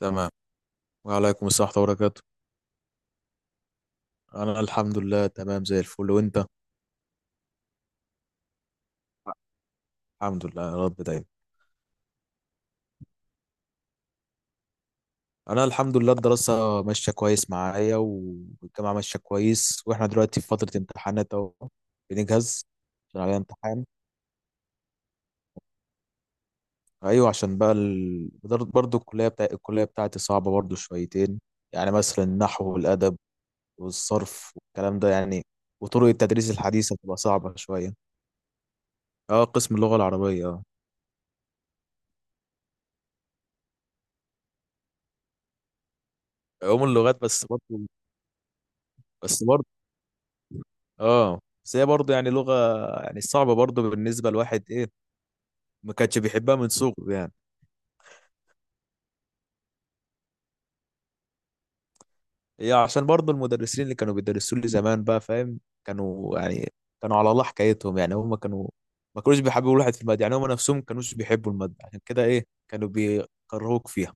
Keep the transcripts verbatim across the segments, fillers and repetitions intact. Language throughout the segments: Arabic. تمام. وعليكم السلام ورحمة الله وبركاته. أنا الحمد لله، تمام زي الفل، وأنت؟ الحمد لله يا رب دايما. أنا الحمد لله الدراسة ماشية كويس معايا، والجامعة ماشية كويس، وإحنا دلوقتي في فترة امتحانات أهو، بنجهز. عشان علينا امتحان. أيوة، عشان بقى ال... بدر- برضه الكلية بتاع الكلية بتاعتي صعبة برضه شويتين، يعني مثلا النحو والأدب، والصرف والكلام ده يعني، وطرق التدريس الحديثة بتبقى صعبة شوية. أه، قسم اللغة العربية، أه. علوم اللغات بس برضه بس برضه. اه. بس هي برضه يعني لغة، يعني صعبة برضه بالنسبة لواحد، ايه، ما كانش بيحبها من صغره يعني. هي عشان برضه المدرسين اللي كانوا بيدرسوا لي زمان، بقى فاهم، كانوا يعني كانوا على الله حكايتهم، يعني هم كانوا ما كانوش بيحبوا الواحد في المادة، يعني هم نفسهم ما كانوش بيحبوا المادة، عشان كده ايه كانوا بيكرهوك فيها.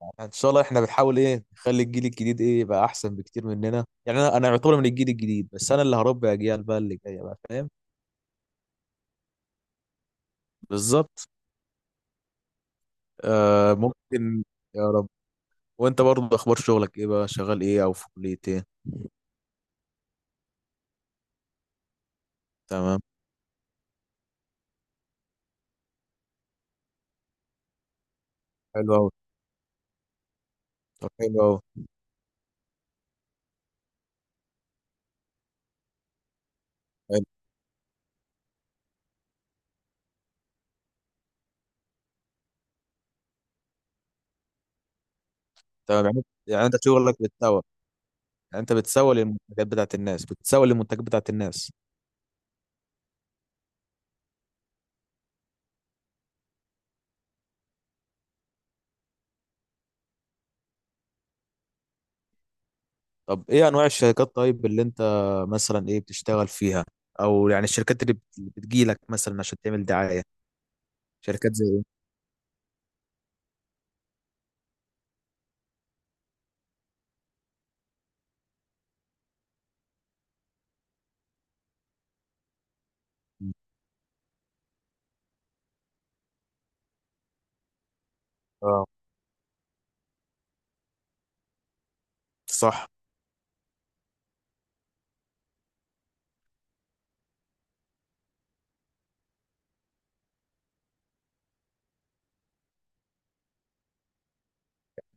يعني ان شاء الله احنا بنحاول ايه نخلي الجيل الجديد ايه يبقى احسن بكتير مننا، يعني انا انا يعتبر من الجيل الجديد، بس انا اللي هربي اجيال بقى اللي جاية، بقى فاهم. بالظبط. آه، ممكن. يا رب. وانت برضه، اخبار شغلك ايه بقى؟ شغال ايه او في كلية ايه؟ تمام. حلو قوي. طب حلو قوي. حلو. تمام. يعني يعني انت شغلك بتسوق؟ يعني انت بتسوق للمنتجات بتاعت الناس بتسوق للمنتجات بتاعت الناس. طب ايه انواع الشركات طيب، اللي انت مثلا ايه بتشتغل فيها، او يعني الشركات اللي بت- اللي بتجيلك مثلا عشان تعمل دعاية؟ شركات زي ايه؟ اه. صح.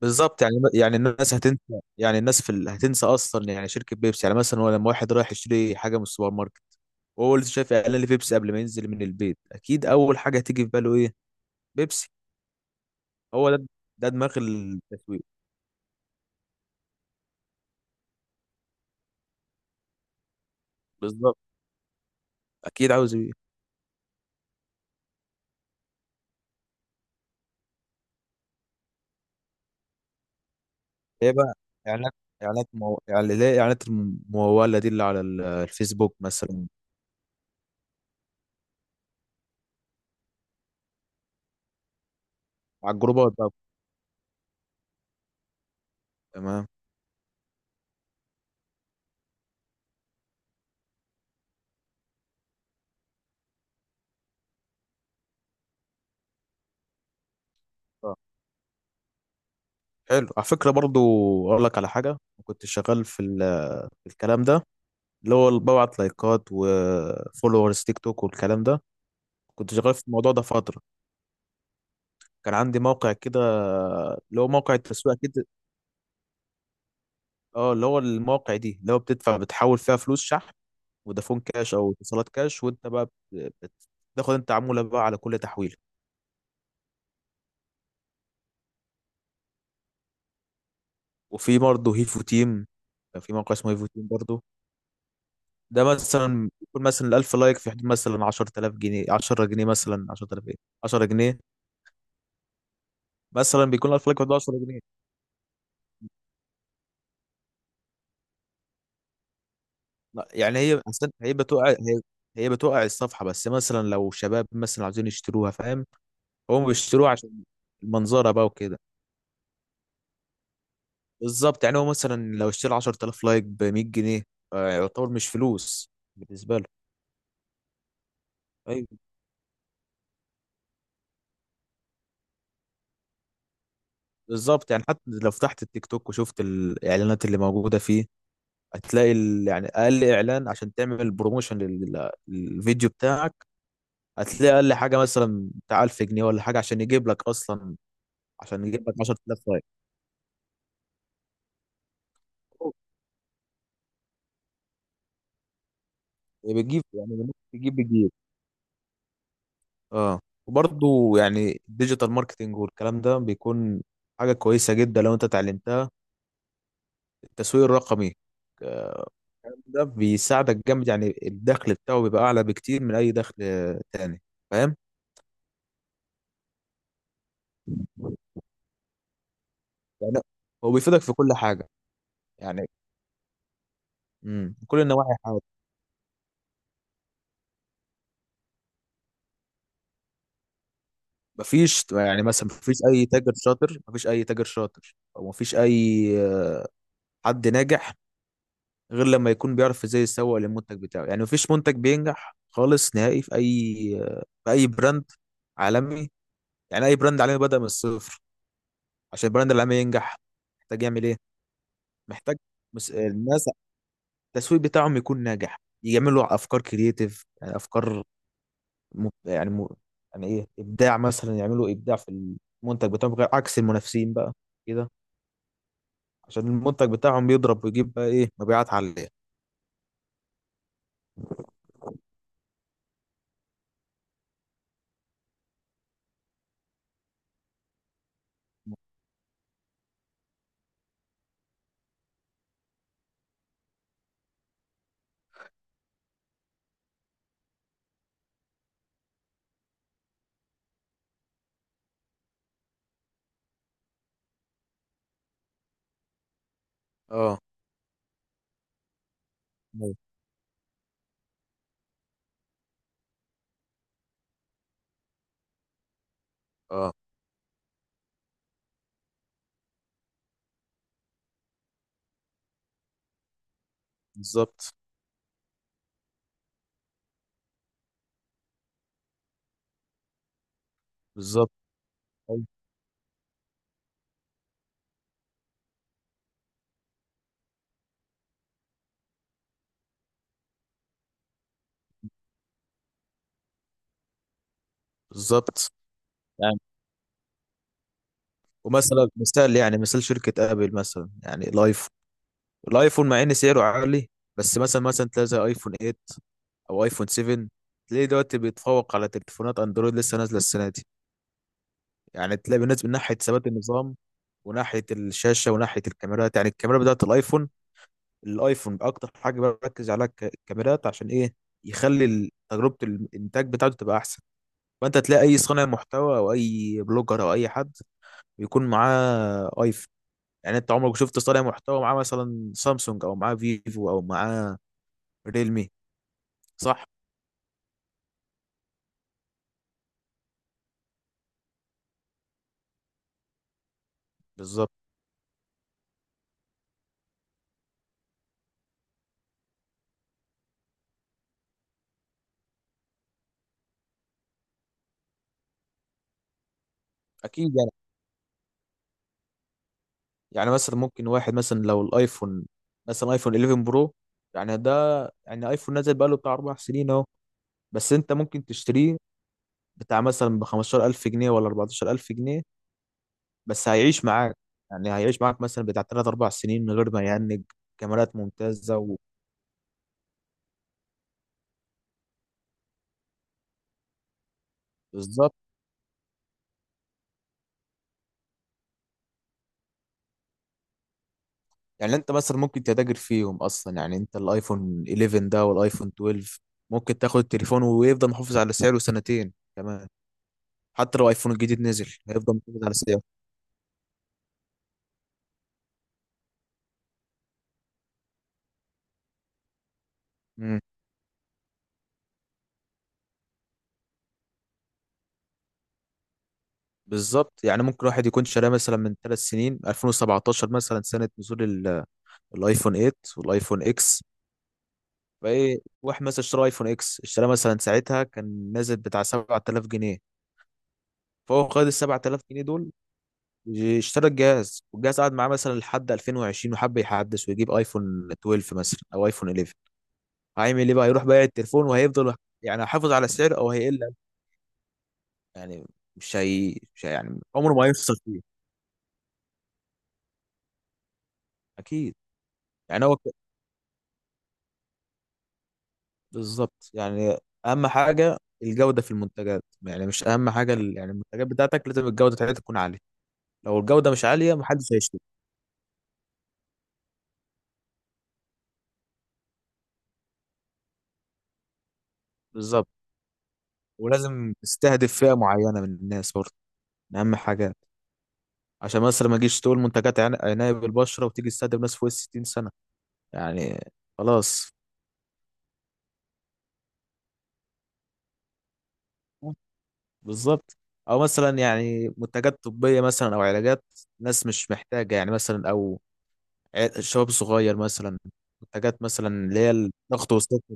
بالظبط، يعني يعني الناس هتنسى، يعني الناس في ال... هتنسى اصلا، يعني شركة بيبسي، يعني مثلا هو لما واحد رايح يشتري حاجة من السوبر ماركت وهو لسه شايف اعلان لبيبسي قبل ما ينزل من البيت، اكيد اول حاجه هتيجي في باله ايه؟ بيبسي. هو ده. ده دماغ التسويق. بالظبط. اكيد عاوز ايه. ايه بقى؟ اعلانات. اعلانات مو... يعني ليه اعلانات المموله دي اللي على ال- الفيسبوك مثلا؟ على الجروبات بقى. تمام. آه، حلو على فكره برضو، اقول لك على حاجه. كنت شغال في, ال... في الكلام ده، اللي هو اللي ببعت لايكات وفولورز تيك توك والكلام ده. كنت شغال في الموضوع ده فتره، كان عندي موقع كده، اللي هو موقع التسويق كده. اه، اللي هو المواقع دي اللي هو بتدفع بتحول فيها فلوس شحن، فودافون كاش او اتصالات كاش، وانت بقى بت- بتاخد انت عمولة بقى على كل تحويلة. وفي برضه هيفو تيم، كان في موقع اسمه هيفو تيم برضه. ده مثلا يكون مثلا الألف لايك في حدود مثلا عشر تلاف جنيه، عشر جنيهات مثلا، عشر تلاف ايه، عشرة جنيه. مثلا بيكون ألف لايك في حدود عشرة جنيه. لا، يعني هي أصلاً هي بتوقع هي هي بتوقع الصفحة، بس مثلا لو شباب مثلا عايزين يشتروها، فاهم، هم بيشتروها عشان المنظرة بقى وكده. بالظبط، يعني هو مثلا لو اشترى عشر تلاف لايك ب مية جنيه، آه، يعتبر مش فلوس بالنسبه له. ايوه. بالظبط، يعني حتى لو فتحت التيك توك وشفت الاعلانات اللي موجوده فيه، هتلاقي ال- يعني اقل اعلان عشان تعمل بروموشن لل- للفيديو بتاعك، هتلاقي اقل حاجه مثلا بتاع ألف جنيه ولا حاجه عشان يجيب لك اصلا، عشان يجيب لك عشرة آلاف لايك. بتجيب، يعني ممكن تجيب، بتجيب. اه. وبرضه يعني الديجيتال ماركتنج والكلام ده بيكون حاجه كويسه جدا لو انت اتعلمتها، التسويق الرقمي. آه، ده بيساعدك جامد، يعني الدخل بتاعه بيبقى اعلى بكتير من اي دخل آه تاني، فاهم. يعني هو بيفيدك في كل حاجه، يعني امم كل النواحي حاجه. مفيش يعني مثلا مفيش اي تاجر شاطر، مفيش اي تاجر شاطر او مفيش اي آه، حد ناجح غير لما يكون بيعرف ازاي يسوق للمنتج بتاعه، يعني مفيش منتج بينجح خالص نهائي في اي آه، في اي براند عالمي، يعني اي براند عالمي بدأ من الصفر. عشان البراند العالمي ينجح، محتاج يعمل ايه؟ محتاج مس- الناس التسويق بتاعهم يكون ناجح، يعملوا افكار كرييتيف، يعني افكار م... يعني م... يعني ايه، ابداع، مثلا يعملوا ابداع في المنتج بتاعهم غير عكس المنافسين بقى كده، عشان المنتج بتاعهم بيضرب ويجيب بقى ايه مبيعات عاليه. اه. أيوة. اه. بالظبط. بالظبط. أيوة. بالظبط يعني. ومثلا مثال يعني مثال شركه ابل، مثلا يعني الايفون، الايفون مع ان سعره عالي، بس مثلا مثلا تلاقي زي ايفون ثمانية او ايفون سبعة، تلاقيه دلوقتي بيتفوق على تليفونات اندرويد لسه نازله السنه دي. يعني تلاقي بالنسبه من ناحيه ثبات النظام، وناحيه الشاشه وناحيه الكاميرات، يعني الكاميرا بتاعت الايفون، الايفون اكتر حاجه بركز عليها الك- الكاميرات، عشان ايه؟ يخلي ال- تجربه الانتاج بتاعته تبقى احسن. فانت تلاقي اي صانع محتوى او اي بلوجر او اي حد بيكون معاه ايفون، يعني انت عمرك شفت صانع محتوى معاه مثلا سامسونج او معاه فيفو او معاه ريلمي؟ صح. بالظبط اكيد يعني، يعني مثلا ممكن واحد مثلا لو الايفون، مثلا ايفون حداشر برو، يعني ده، يعني ايفون نزل بقاله بتاع اربع سنين اهو، بس انت ممكن تشتريه بتاع مثلا ب خمستاشر الف جنيه ولا اربعتاشر الف جنيه، بس هيعيش معاك، يعني هيعيش معاك مثلا بتاع تلاتة اربعة سنين من غير ما يهنج. كاميرات ممتازة و... بالظبط، يعني انت مثلا ممكن تتاجر فيهم اصلا، يعني انت الايفون حداشر ده والايفون اثنا عشر ممكن تاخد التليفون ويفضل محافظ على سعره سنتين كمان. حتى لو ايفون الجديد نزل هيفضل محافظ على سعره. امم. بالظبط، يعني ممكن واحد يكون شاريه مثلا من ثلاث سنين الفين وسبعتاشر مثلا سنه نزول ال- الايفون تمانية والايفون اكس. فايه واحد مثلا اشترى ايفون اكس اشتراه مثلا ساعتها كان نازل بتاع سبعة آلاف جنيه، فهو خد ال سبع تلاف جنيه دول، اشترى الجهاز والجهاز قعد معاه مثلا لحد الفين وعشرين، وحب يحدث ويجيب ايفون اثنا عشر مثلا او ايفون حداشر. هيعمل ايه بقى؟ يروح بايع التليفون وهيفضل، يعني هيحافظ على السعر او هيقل، يعني مش هي مش هي يعني عمره ما هيخسر. اكيد يعني، هو ك- بالظبط، يعني اهم حاجه الجوده في المنتجات، يعني مش اهم حاجه ال- يعني المنتجات بتاعتك لازم الجوده بتاعتها تكون عاليه، لو الجوده مش عاليه محدش هيشتري. بالظبط. ولازم تستهدف فئه معينه من الناس برضه، من اهم حاجات، عشان مثلا ما تجيش تقول منتجات عن- عنايه بالبشره وتيجي تستهدف ناس فوق ال ستين سنه يعني. خلاص. بالظبط. او مثلا يعني منتجات طبيه مثلا او علاجات، ناس مش محتاجه يعني، مثلا، او ع- الشباب الصغير مثلا، حاجات مثلا اللي هي الضغط والسكر.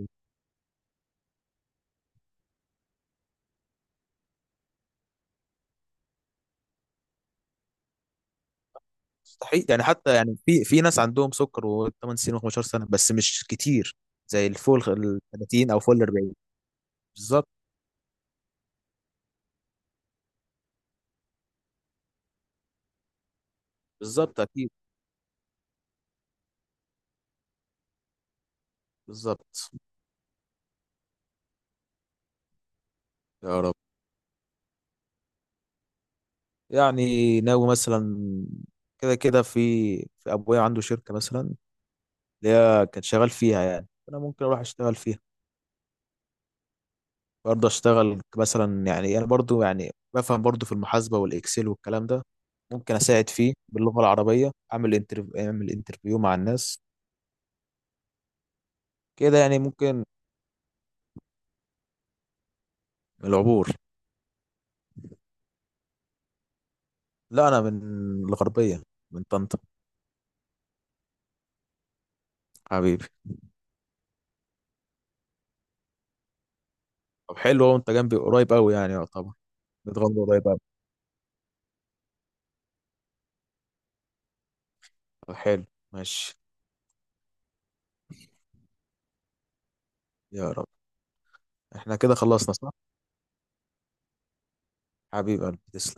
مستحيل، يعني حتى يعني في في ناس عندهم سكر و8 سنين و15 سنه بس مش كتير، زي الفوق ال ثلاثين او فوق ال اربعين. بالظبط. بالظبط. اكيد. بالظبط. يا رب. يعني ناوي مثلا، كده كده في، في ابويا عنده شركه مثلا اللي هي كان شغال فيها، يعني انا ممكن اروح اشتغل فيها. برضه اشتغل مثلا، يعني انا برضه يعني بفهم برضه في المحاسبه والاكسل والكلام ده، ممكن اساعد فيه باللغه العربيه، اعمل انترفيو اعمل انترفيو مع الناس، كده يعني ممكن. العبور. لا انا من الغربيه، من طنطا. حبيبي. طب حلو، هو انت جنبي قريب قوي يعني يعتبر، بتغني قريب قوي. طب حلو. ماشي. يا رب. احنا كده خلصنا صح؟ حبيبي قلبي تسلم.